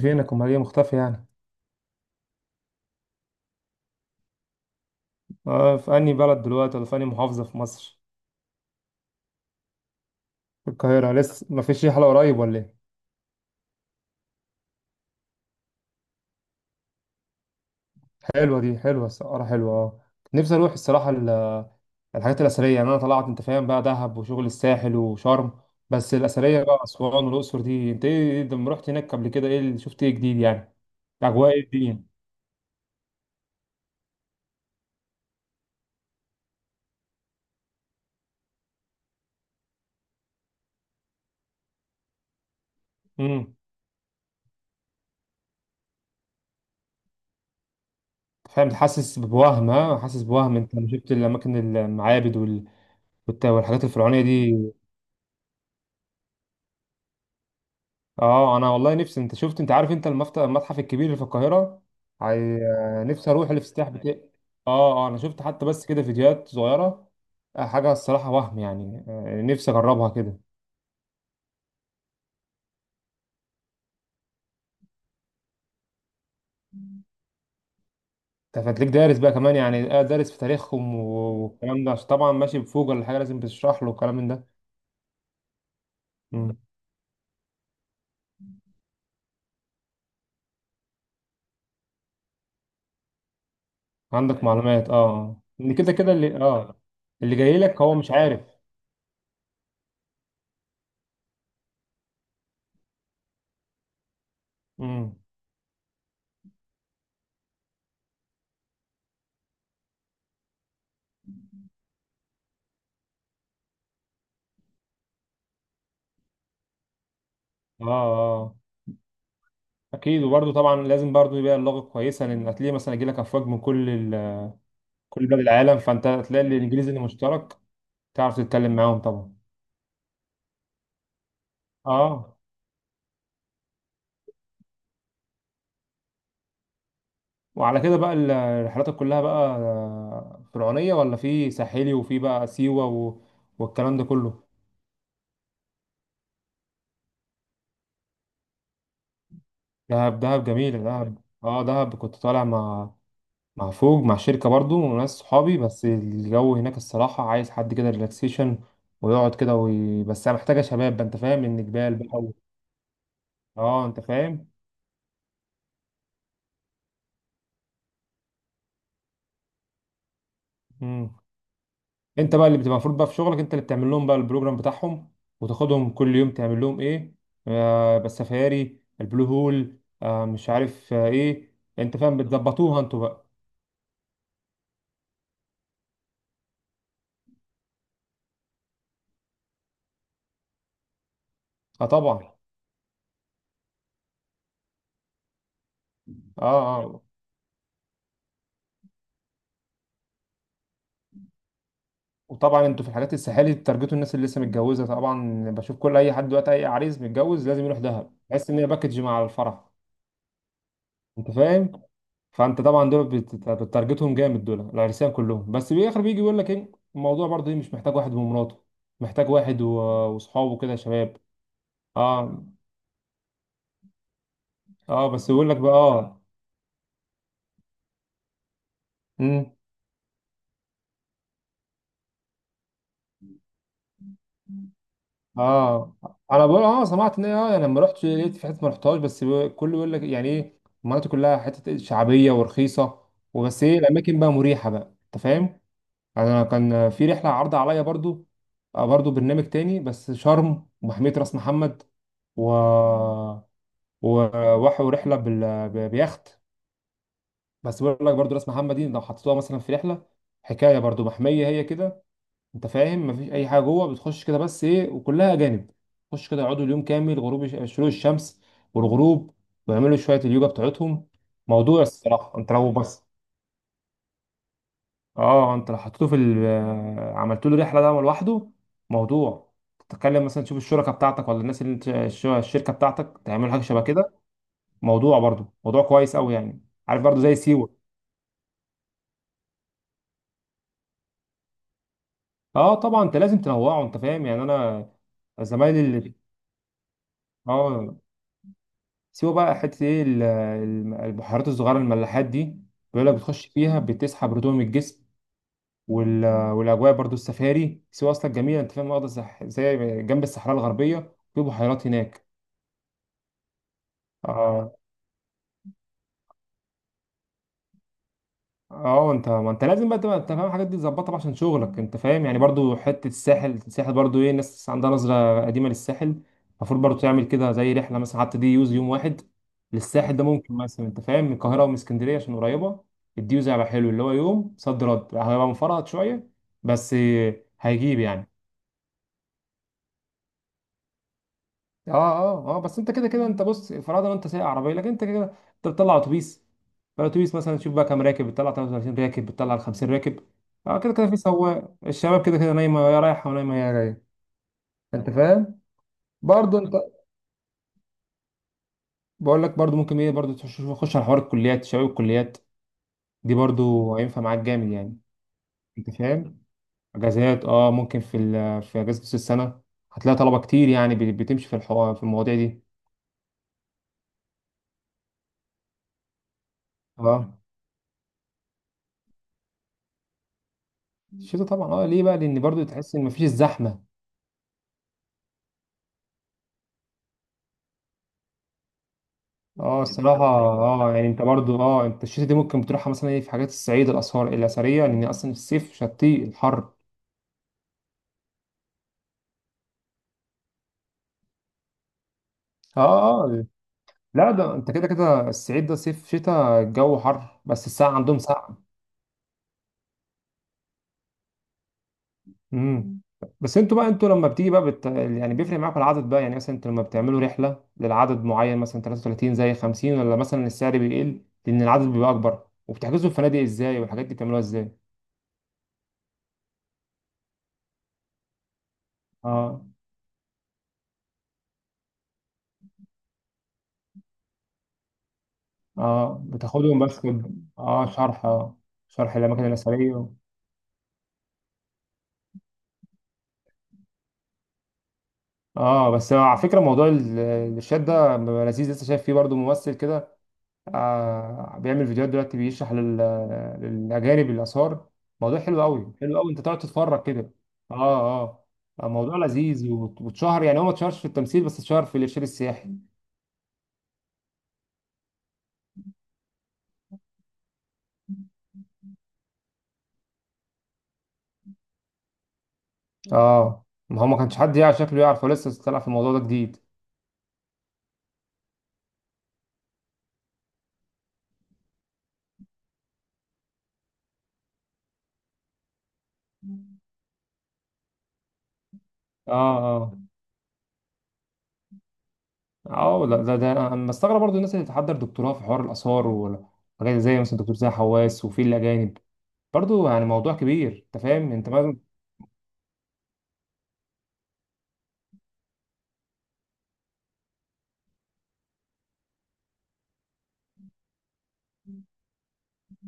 فينك امال ايه مختفي يعني؟ آه، في انهي بلد دلوقتي، ولا في انهي محافظه في مصر؟ في القاهره؟ لسه ما فيش رحله قريب ولا ايه؟ حلوه، دي حلوه، السفاره حلوه، اه. نفسي اروح الصراحه الحاجات الاثريه يعني. انا طلعت، انت فاهم بقى، دهب وشغل الساحل وشرم، بس الاثريه بقى اسوان والاقصر دي. انت ايه لما رحت هناك قبل كده؟ ايه اللي شفت؟ ايه جديد يعني؟ اجواء ايه الدنيا؟ امم فاهم. حاسس بوهم، ها؟ حاسس بوهم انت لما شفت الاماكن، المعابد والحاجات الفرعونيه دي؟ اه، انا والله نفسي. انت شفت، انت عارف، انت المتحف الكبير اللي في القاهره؟ عاي... آه، نفسي اروح الافتتاح بتاع. اه اه، انا شفت حتى بس كده فيديوهات صغيره. حاجه الصراحه وهم يعني، نفسي اجربها كده. انت فتلاقيك دارس بقى كمان يعني، دارس في تاريخهم والكلام ده، عشان طبعا ماشي بفوق ولا حاجه، لازم بتشرح له الكلام من ده. مم. عندك معلومات، اه آه. ان كده كده اللي اه، اللي جاي لك هو مش عارف. امم. اه اه، اكيد. وبرده طبعا لازم برضه يبقى اللغه كويسه، لان هتلاقي مثلا يجي لك افواج من كل كل بلاد العالم، فانت تلاقي الانجليزي اللي مشترك تعرف تتكلم معاهم طبعا. اه. وعلى كده بقى الرحلات كلها بقى، فرعونية، ولا في ساحلي، وفي بقى سيوة والكلام ده كله. دهب، دهب جميل دهب. اه، دهب كنت طالع مع مع فوج، مع شركة برضو وناس صحابي، بس الجو هناك الصراحة عايز حد كده ريلاكسيشن ويقعد كده بس أنا محتاجة شباب بقى، انت فاهم، ان جبال بقى اه انت فاهم. مم. انت بقى اللي بتبقى المفروض بقى في شغلك، انت اللي بتعمل لهم بقى البروجرام بتاعهم وتاخدهم كل يوم تعمل لهم ايه، آه، بس سفاري، البلو هول، آه، مش عارف آه ايه، انت فاهم، بتظبطوها انتوا بقى. اه طبعا. اه اه. وطبعا انتوا في الحاجات الساحلي بتارجتوا الناس اللي لسه متجوزه، طبعا بشوف كل اي حد دلوقتي، اي عريس متجوز لازم يروح دهب، بحس ان هي باكج مع الفرح، انت فاهم. فانت طبعا دول بتارجتهم جامد، دول العرسان كلهم، بس في الاخر بيجي يقول لك ايه الموضوع، برضه إيه، مش محتاج واحد ومراته، محتاج واحد واصحابه كده، شباب. اه اه، بس يقول لك بقى اه. امم. اه، انا بقول، اه سمعت ان إيه، اه يعني لما رحت لقيت في حته ما رحتهاش، بس كله يقول لك يعني ايه، المناطق كلها حته شعبيه ورخيصه، وبس ايه الاماكن بقى مريحه بقى، انت فاهم. انا كان في رحله عرض عليا برضو، برضو برنامج تاني بس شرم ومحميه راس محمد، و وراحوا رحله بيخت. بس بيقول لك برضو راس محمد دي لو حطيتوها مثلا في رحله، حكايه برضو، محميه هي كده، انت فاهم، مفيش اي حاجه جوه، بتخش كده بس ايه، وكلها اجانب، تخش كده يقعدوا اليوم كامل، غروب شروق الشمس والغروب، ويعملوا شويه اليوجا بتاعتهم. موضوع الصراحه انت لو بس، اه انت لو حطيته في ال... آه، عملت له رحله ده لوحده، موضوع تتكلم مثلا تشوف الشركه بتاعتك، ولا الناس اللي انت الشركه بتاعتك تعمل حاجه شبه كده، موضوع برضو، موضوع كويس قوي يعني. عارف برضو زي سيوه؟ اه طبعا، انت لازم تنوعه انت فاهم يعني. انا زمايلي اللي اه، سيوه بقى، حته ايه البحيرات الصغيره الملاحات دي، بيقول لك بتخش فيها بتسحب رطوبه من الجسم، وال... والاجواء برضو. السفاري سيوه اصلا جميله، انت فاهم، واخده زي جنب الصحراء الغربيه، في بحيرات هناك. اه اه. انت ما انت لازم بقى تبقى، انت فاهم، الحاجات دي تظبطها بقى عشان شغلك انت فاهم يعني. برضو حته الساحل، الساحل برضو ايه، ناس عندها نظره قديمه للساحل. المفروض برضو تعمل كده زي رحله مثلا، حتى دي يوز يوم واحد للساحل، ده ممكن مثلا انت فاهم من القاهره ومن اسكندريه عشان قريبه. الديوز هيبقى حلو، اللي هو يوم صد رد هيبقى مفرهد شويه. بس هيجيب يعني. اه اه اه، بس انت كده كده، انت بص، فرضا انت سايق عربيه، لكن انت كده انت بتطلع اتوبيس، فالاتوبيس مثلا تشوف بقى كام راكب، بتطلع 33 راكب، بتطلع 50 راكب. اه كده كده في سواق، الشباب كده كده نايمه يا رايحه ونايمه يا جايه، انت فاهم. برضو انت بقول لك برضو ممكن ايه، برضو تخش تخش على حوار الكليات، شباب الكليات دي برضو هينفع معاك جامد يعني، انت فاهم. اجازات، اه ممكن في اجازه نص السنه، هتلاقي طلبه كتير يعني بتمشي في الحوار في المواضيع دي. اه الشتا طبعا، اه ليه بقى، لان برضو تحس ان مفيش الزحمه. اه جدا الصراحة، بصراحة اه يعني، انت برضو اه، انت الشتا دي ممكن تروحها مثلا ايه في حاجات الصعيد، الآثار الأثرية، لأن أصلا الصيف شتي الحر. اه اه. لا ده، انت كده كده الصعيد، ده صيف شتاء الجو حر، بس الساعة عندهم ساعة. امم. بس انتوا بقى، انتوا لما بتيجي بقى يعني بيفرق معاكم العدد بقى يعني؟ مثلا انتوا لما بتعملوا رحلة للعدد معين، مثلا 33 زي 50، ولا مثلا السعر بيقل لأن العدد بيبقى أكبر؟ وبتحجزوا الفنادق ازاي؟ والحاجات دي بتعملوها ازاي؟ اه. اه بتاخدهم بس اه شرح، اه شرح الاماكن الاثريه. اه بس على فكره، موضوع الارشاد ده بيبقى لذيذ. لسه شايف فيه برضو ممثل كده، آه، بيعمل فيديوهات دلوقتي، بيشرح للاجانب الاثار. موضوع حلو قوي، حلو قوي، انت تقعد تتفرج كده. اه. اه. موضوع لذيذ واتشهر يعني، هو ما اتشهرش في التمثيل بس اتشهر في الارشاد السياحي. اه، ما هو ما كانش حد يعرف شكله يعرف، هو لسه طلع في الموضوع ده جديد. اه اه اه. لا ده, ده انا مستغرب برضو الناس اللي تحضر دكتوراه في حوار الاثار وحاجات، زي مثلا دكتور زي حواس، وفي الاجانب برضو يعني. موضوع كبير انت فاهم انت ما.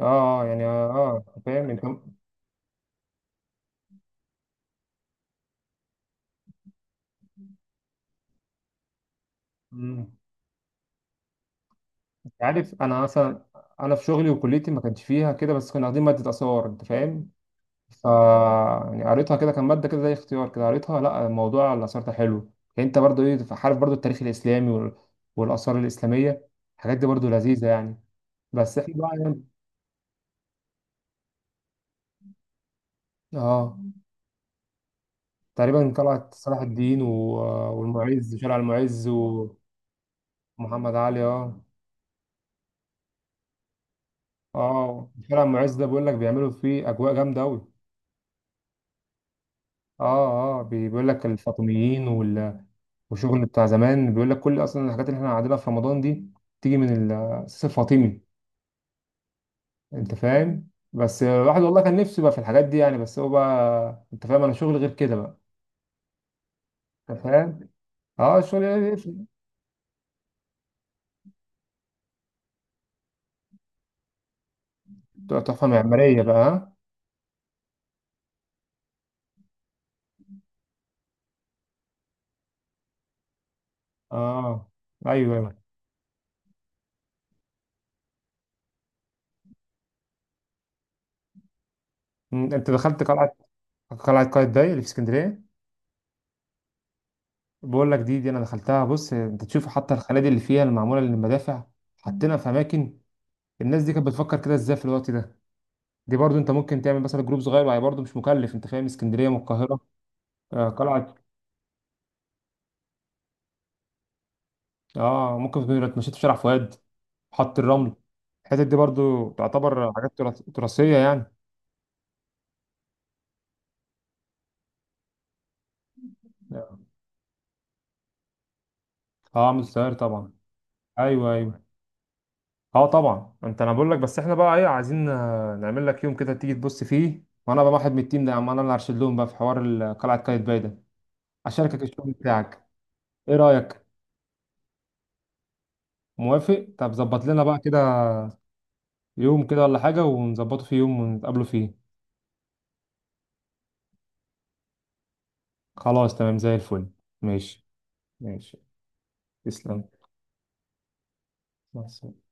اه، يعني اه. انت فاهم انت. مم. انت عارف، انا مثلا انا في شغلي وكليتي ما كانش فيها كده، بس كنا واخدين ماده اثار، انت فاهم. ف يعني قريتها كده، كان ماده كده زي اختيار كده، قريتها. لا موضوع الاثار ده حلو يعني، انت برضو ايه، عارف برضو، التاريخ الاسلامي والاثار الاسلاميه، الحاجات دي برضو لذيذه يعني. بس احنا بقى يعني اه. تقريبا طلعت صلاح الدين والمعز، شارع المعز، ومحمد علي. اه اه، شارع المعز ده بيقول لك بيعملوا فيه اجواء جامده قوي. اه اه، بيقول لك الفاطميين والشغل بتاع زمان. بيقول لك كل اصلا الحاجات اللي احنا قاعدينها في رمضان دي تيجي من الاساس الفاطمي، انت فاهم. بس الواحد والله كان نفسه بقى في الحاجات دي يعني، بس هو بقى انت فاهم، انا شغل غير كده بقى، انت فاهم. اه الشغل إيه؟ تحفه معماريه بقى، ها؟ اه. ايوه ايوه. أمم، انت دخلت قلعه، قلعة قايتباي اللي في اسكندرية؟ بقول لك دي، دي أنا دخلتها. بص، أنت تشوف حتى الخنادق اللي فيها المعمولة للمدافع حاطينها في أماكن. الناس دي كانت بتفكر كده إزاي في الوقت ده؟ دي برضو أنت ممكن تعمل مثلا جروب صغير، وهي برضو مش مكلف، أنت فاهم، اسكندرية من القاهرة. آه قلعة. آه ممكن تبقى اتمشيت في شارع فؤاد، حط الرمل، الحتت دي برضو تعتبر حاجات تراثية يعني. آه عامل السيار طبعا. أيوه أيوه. اه طبعا انت، انا بقول لك بس احنا بقى ايه، عايزين نعمل لك يوم كده تيجي تبص فيه، وانا بقى واحد من التيم ده يا عم، انا اللي هرشد لهم بقى في حوار قلعه قايتباي ده، اشاركك الشغل بتاعك. ايه رايك؟ موافق؟ طب ظبط لنا بقى كده يوم كده ولا حاجه، ونظبطه في يوم ونتقابلوا فيه. خلاص تمام زي الفل. ماشي، ماشي. تسلم. مع السلامة.